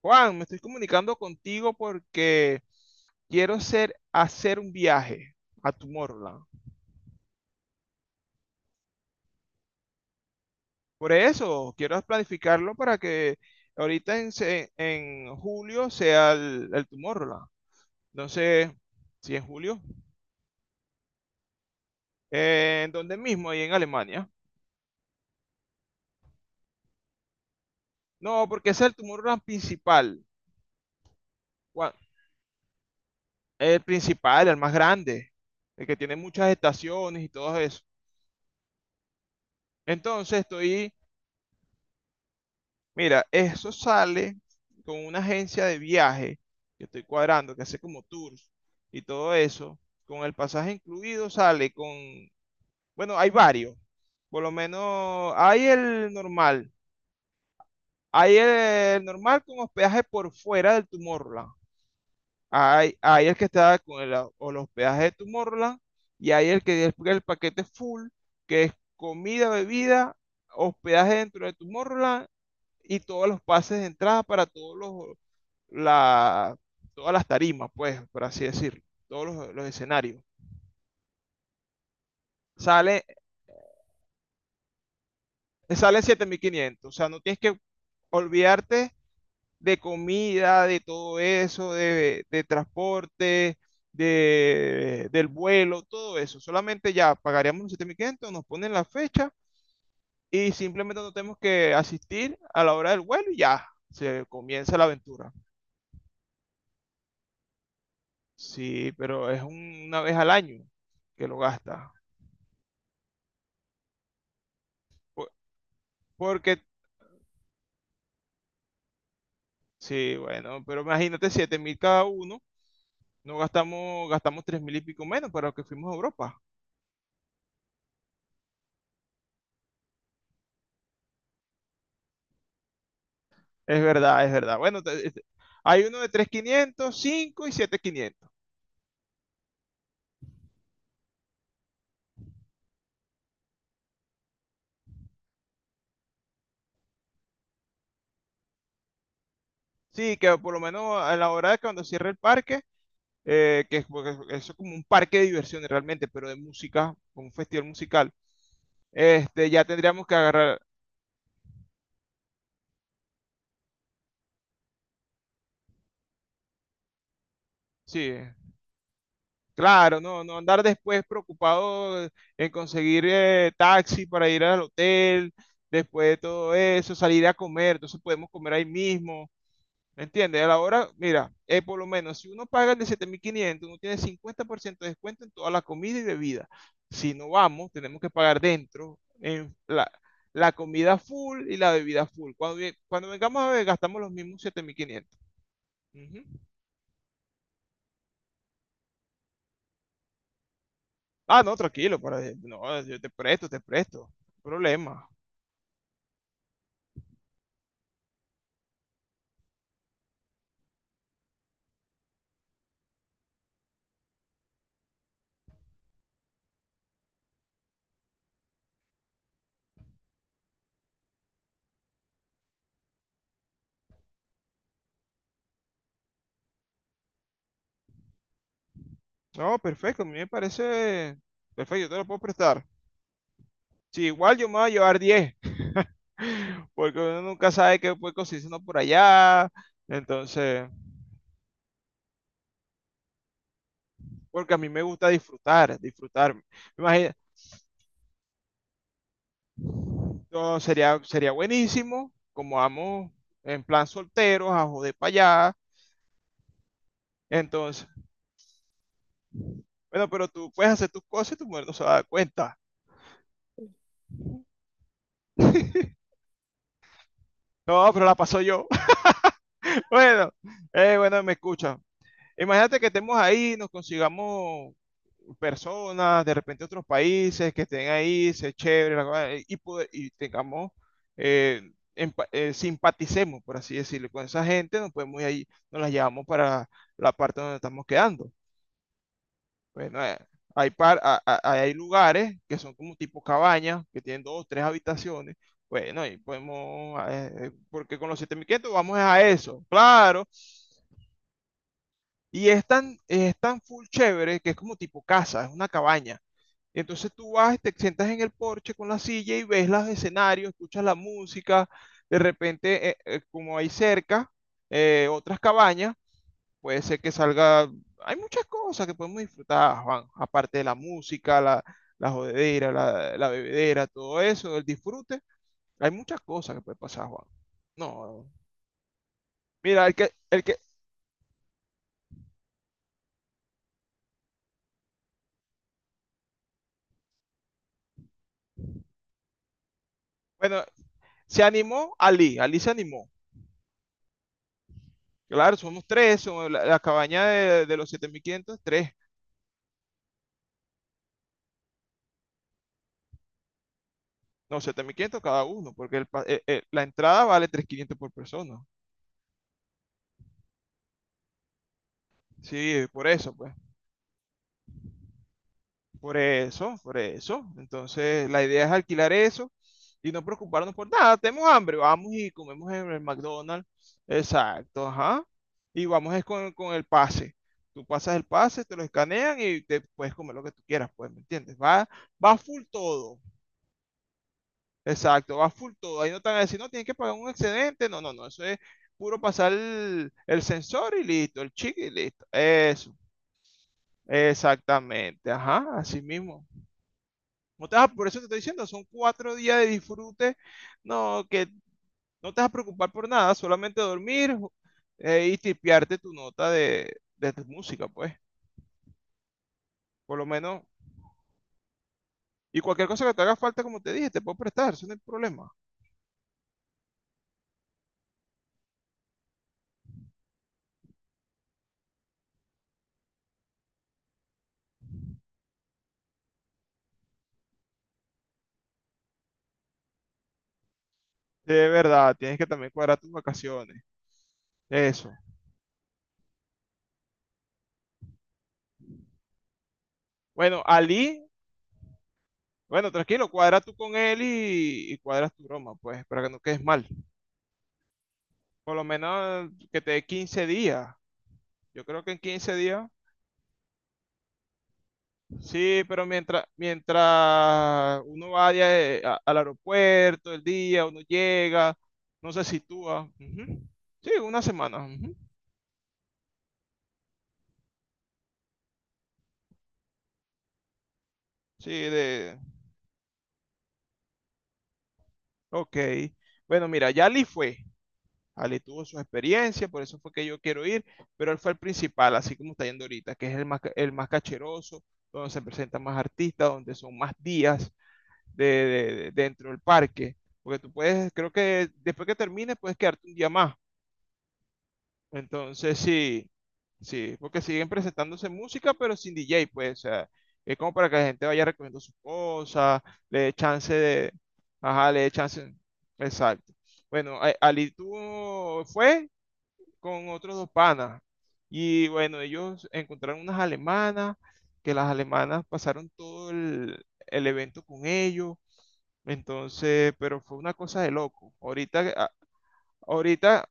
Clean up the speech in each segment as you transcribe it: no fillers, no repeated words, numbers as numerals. Juan, me estoy comunicando contigo porque quiero hacer un viaje a Tomorrowland. Por eso, quiero planificarlo para que en julio sea el Tomorrowland. Entonces, si en julio, ¿en dónde mismo? Ahí en Alemania. No, porque ese es el Tomorrowland principal. Juan, el principal, el más grande, el que tiene muchas estaciones y todo eso. Entonces, estoy mira, eso sale con una agencia de viaje que estoy cuadrando, que hace como tours y todo eso. Con el pasaje incluido sale con, bueno, hay varios. Por lo menos hay el normal. Hay el normal con hospedaje por fuera del Tomorrowland. Hay el que está con el, o el hospedaje de Tomorrowland, y hay el que es el paquete full, que es comida, bebida, hospedaje dentro de Tomorrowland y todos los pases de entrada para la, todas las tarimas, pues, por así decirlo, los escenarios. Sale, sale 7500, o sea, no tienes que olvidarte de comida, de todo eso, de transporte, del vuelo, todo eso. Solamente ya pagaríamos los 7500, nos ponen la fecha y simplemente no tenemos que asistir a la hora del vuelo y ya se comienza la aventura. Sí, pero es una vez al año que lo gasta. Po- Porque, sí, bueno, pero imagínate, 7000 cada uno, no gastamos, gastamos 3000 y pico menos para lo que fuimos a Europa. Es verdad, es verdad. Bueno, hay uno de 3500, 5 y siete mil quinientos. Sí, que por lo menos a la hora de cuando cierre el parque, que es, porque eso es como un parque de diversiones realmente, pero de música, como un festival musical. Ya tendríamos que agarrar, sí. Claro, no, no andar después preocupado en conseguir taxi para ir al hotel, después de todo eso, salir a comer, entonces podemos comer ahí mismo, ¿me entiendes? A la hora, mira, por lo menos si uno paga el de 7500, uno tiene 50% de descuento en toda la comida y bebida. Si no vamos, tenemos que pagar dentro en la comida full y la bebida full. Cuando vengamos a ver, gastamos los mismos 7500. Ujú. Ah, no, tranquilo, para, no, yo te presto, te presto. No hay problema. No, perfecto, a mí me parece perfecto, yo te lo puedo prestar. Sí, igual yo me voy a llevar 10, porque uno nunca sabe qué puede conseguirse uno por allá, entonces, porque a mí me gusta disfrutar, disfrutar. Me imagino, no, sería, sería buenísimo, como vamos en plan solteros, a joder para allá, entonces, bueno, pero tú puedes hacer tus cosas y tu mujer no se va a dar cuenta. No, pero la paso yo. Bueno, bueno, me escucha. Imagínate que estemos ahí, nos consigamos personas, de repente otros países que estén ahí, se chévere, la cosa, y tengamos, eh, simpaticemos, por así decirlo, con esa gente, nos podemos ir ahí, nos las llevamos para la parte donde estamos quedando. Bueno, hay, par- a- hay lugares que son como tipo cabañas, que tienen dos, tres habitaciones. Bueno, y podemos, porque con los 7500 vamos a eso, claro. Y es tan full chévere que es como tipo casa, es una cabaña. Entonces tú vas y te sientas en el porche con la silla y ves los escenarios, escuchas la música. De repente, como hay cerca otras cabañas, puede ser que salga. Hay muchas cosas que podemos disfrutar, Juan, aparte de la música, la jodedera, la bebedera, todo eso, el disfrute. Hay muchas cosas que puede pasar, Juan. No, mira, bueno, se animó Ali, Ali se animó. Claro, somos tres, somos la cabaña de los 7500 tres. No, 7500 cada uno, porque la entrada vale 3500 por persona. Sí, por eso, pues. Por eso, por eso. Entonces, la idea es alquilar eso y no preocuparnos por nada. Tenemos hambre, vamos y comemos en el McDonald's. Exacto, ajá. Y vamos es con el pase. Tú pasas el pase, te lo escanean y te puedes comer lo que tú quieras, pues, ¿me entiendes? Va, va full todo. Exacto, va full todo. Ahí no te van a decir, no, tienes que pagar un excedente. No, no, no. Eso es puro pasar el sensor y listo, el chip y listo. Eso, exactamente. Ajá, así mismo. No te vas a- por eso te estoy diciendo, son 4 días de disfrute. No, que no te vas a preocupar por nada, solamente dormir y tipearte tu nota de tu música, pues. Por lo menos. Y cualquier cosa que te haga falta, como te dije, te puedo prestar, eso no hay problema. De verdad, tienes que también cuadrar tus vacaciones. Eso. Bueno, Ali. Bueno, tranquilo, cuadra tú con él y, cuadras tu broma, pues, para que no quedes mal. Por lo menos que te dé 15 días. Yo creo que en 15 días. Sí, pero mientras uno vaya al aeropuerto el día, uno llega, no se sitúa. Ujú. Sí, una semana. Ujú. Sí, de... Ok. Bueno, mira, Yali fue. Ali tuvo sus experiencias, por eso fue que yo quiero ir, pero él fue el principal, así como está yendo ahorita, que es el más cacheroso, donde se presentan más artistas, donde son más días dentro del parque, porque tú puedes, creo que después que termines puedes quedarte un día más. Entonces sí, sí, porque siguen presentándose música, pero sin DJ, pues, o sea, es como para que la gente vaya recogiendo sus cosas, le dé chance de, ajá, le dé chance, exacto. Bueno, Ali, ¿tú fue? Con otros dos panas. Y bueno, ellos encontraron unas alemanas, que las alemanas pasaron todo el evento con ellos. Entonces, pero fue una cosa de loco. Ahorita, a- ahorita,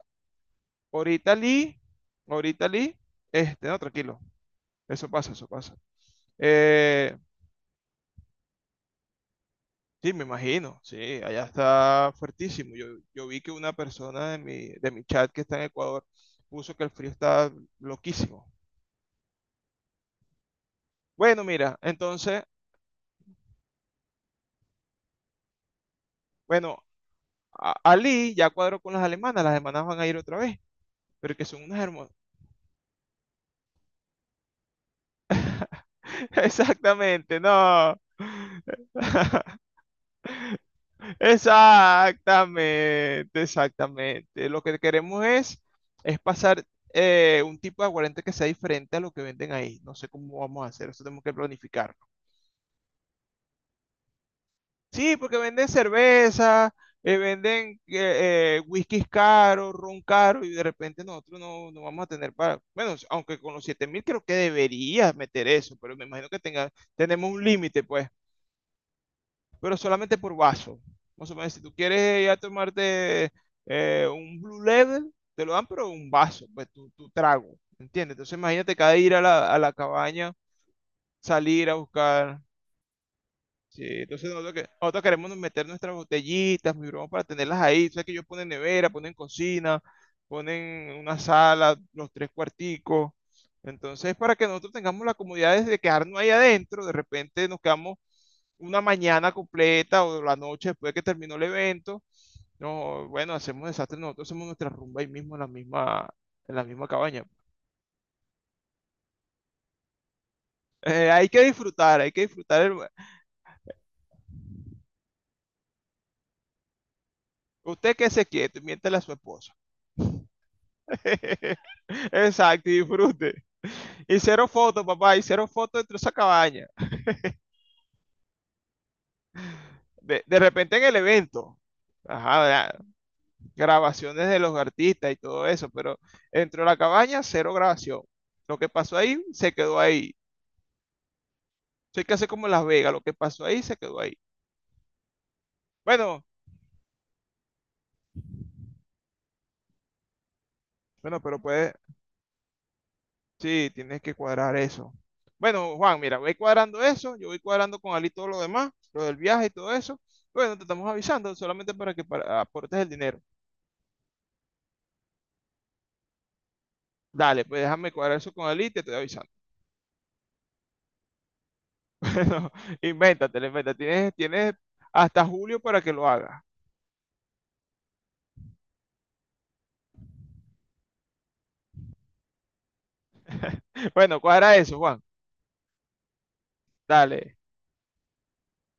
ahorita Lee, ahorita Lee, no, tranquilo, eso pasa, eso pasa. Eh, sí, me imagino, sí, allá está fuertísimo. Yo vi que una persona de mi chat que está en Ecuador puso que el frío está loquísimo. Bueno, mira, entonces, bueno, Ali ya cuadró con las alemanas van a ir otra vez, pero que son unas hermosas. Exactamente, no. Exactamente, exactamente. Lo que queremos es pasar un tipo de aguardiente que sea diferente a lo que venden ahí. No sé cómo vamos a hacer, eso tenemos que planificar. Sí, porque venden cerveza, venden whiskies caros, ron caro, y de repente nosotros no, no vamos a tener para. Bueno, aunque con los 7000 creo que deberías meter eso, pero me imagino que tenga, tenemos un límite, pues, pero solamente por vaso. Más o menos, si tú quieres ya tomarte un Blue Level, te lo dan, pero un vaso, pues tu trago, ¿entiendes? Entonces, imagínate cada ir a a la cabaña, salir a buscar. Sí, entonces nosotros queremos meter nuestras botellitas, mi broma, para tenerlas ahí. Sabes que ellos ponen nevera, ponen cocina, ponen una sala, los tres cuarticos. Entonces, para que nosotros tengamos la comodidad de quedarnos ahí adentro, de repente nos quedamos una mañana completa o la noche después que terminó el evento. No, bueno, hacemos desastre, nosotros hacemos nuestra rumba ahí mismo en en la misma cabaña. Hay que disfrutar, hay que disfrutar. Usted que se quieto, miéntale a su esposo. Exacto, y disfrute. Y cero fotos, papá, y cero fotos dentro de esa cabaña. De repente en el evento, ajá, grabaciones de los artistas y todo eso, pero dentro de la cabaña, cero grabación. Lo que pasó ahí, se quedó ahí. Eso hay que hacer como en Las Vegas, lo que pasó ahí, se quedó ahí. Bueno, bueno, pero puede, sí, tienes que cuadrar eso. Bueno, Juan, mira, voy cuadrando eso, yo voy cuadrando con Ali todo lo demás, lo del viaje y todo eso. Bueno, te estamos avisando solamente para que aportes el dinero. Dale, pues déjame cuadrar eso con él y te estoy avisando. Bueno, invéntatelo, inventa. Tienes hasta julio para que lo hagas. Bueno, cuadra eso, Juan. Dale.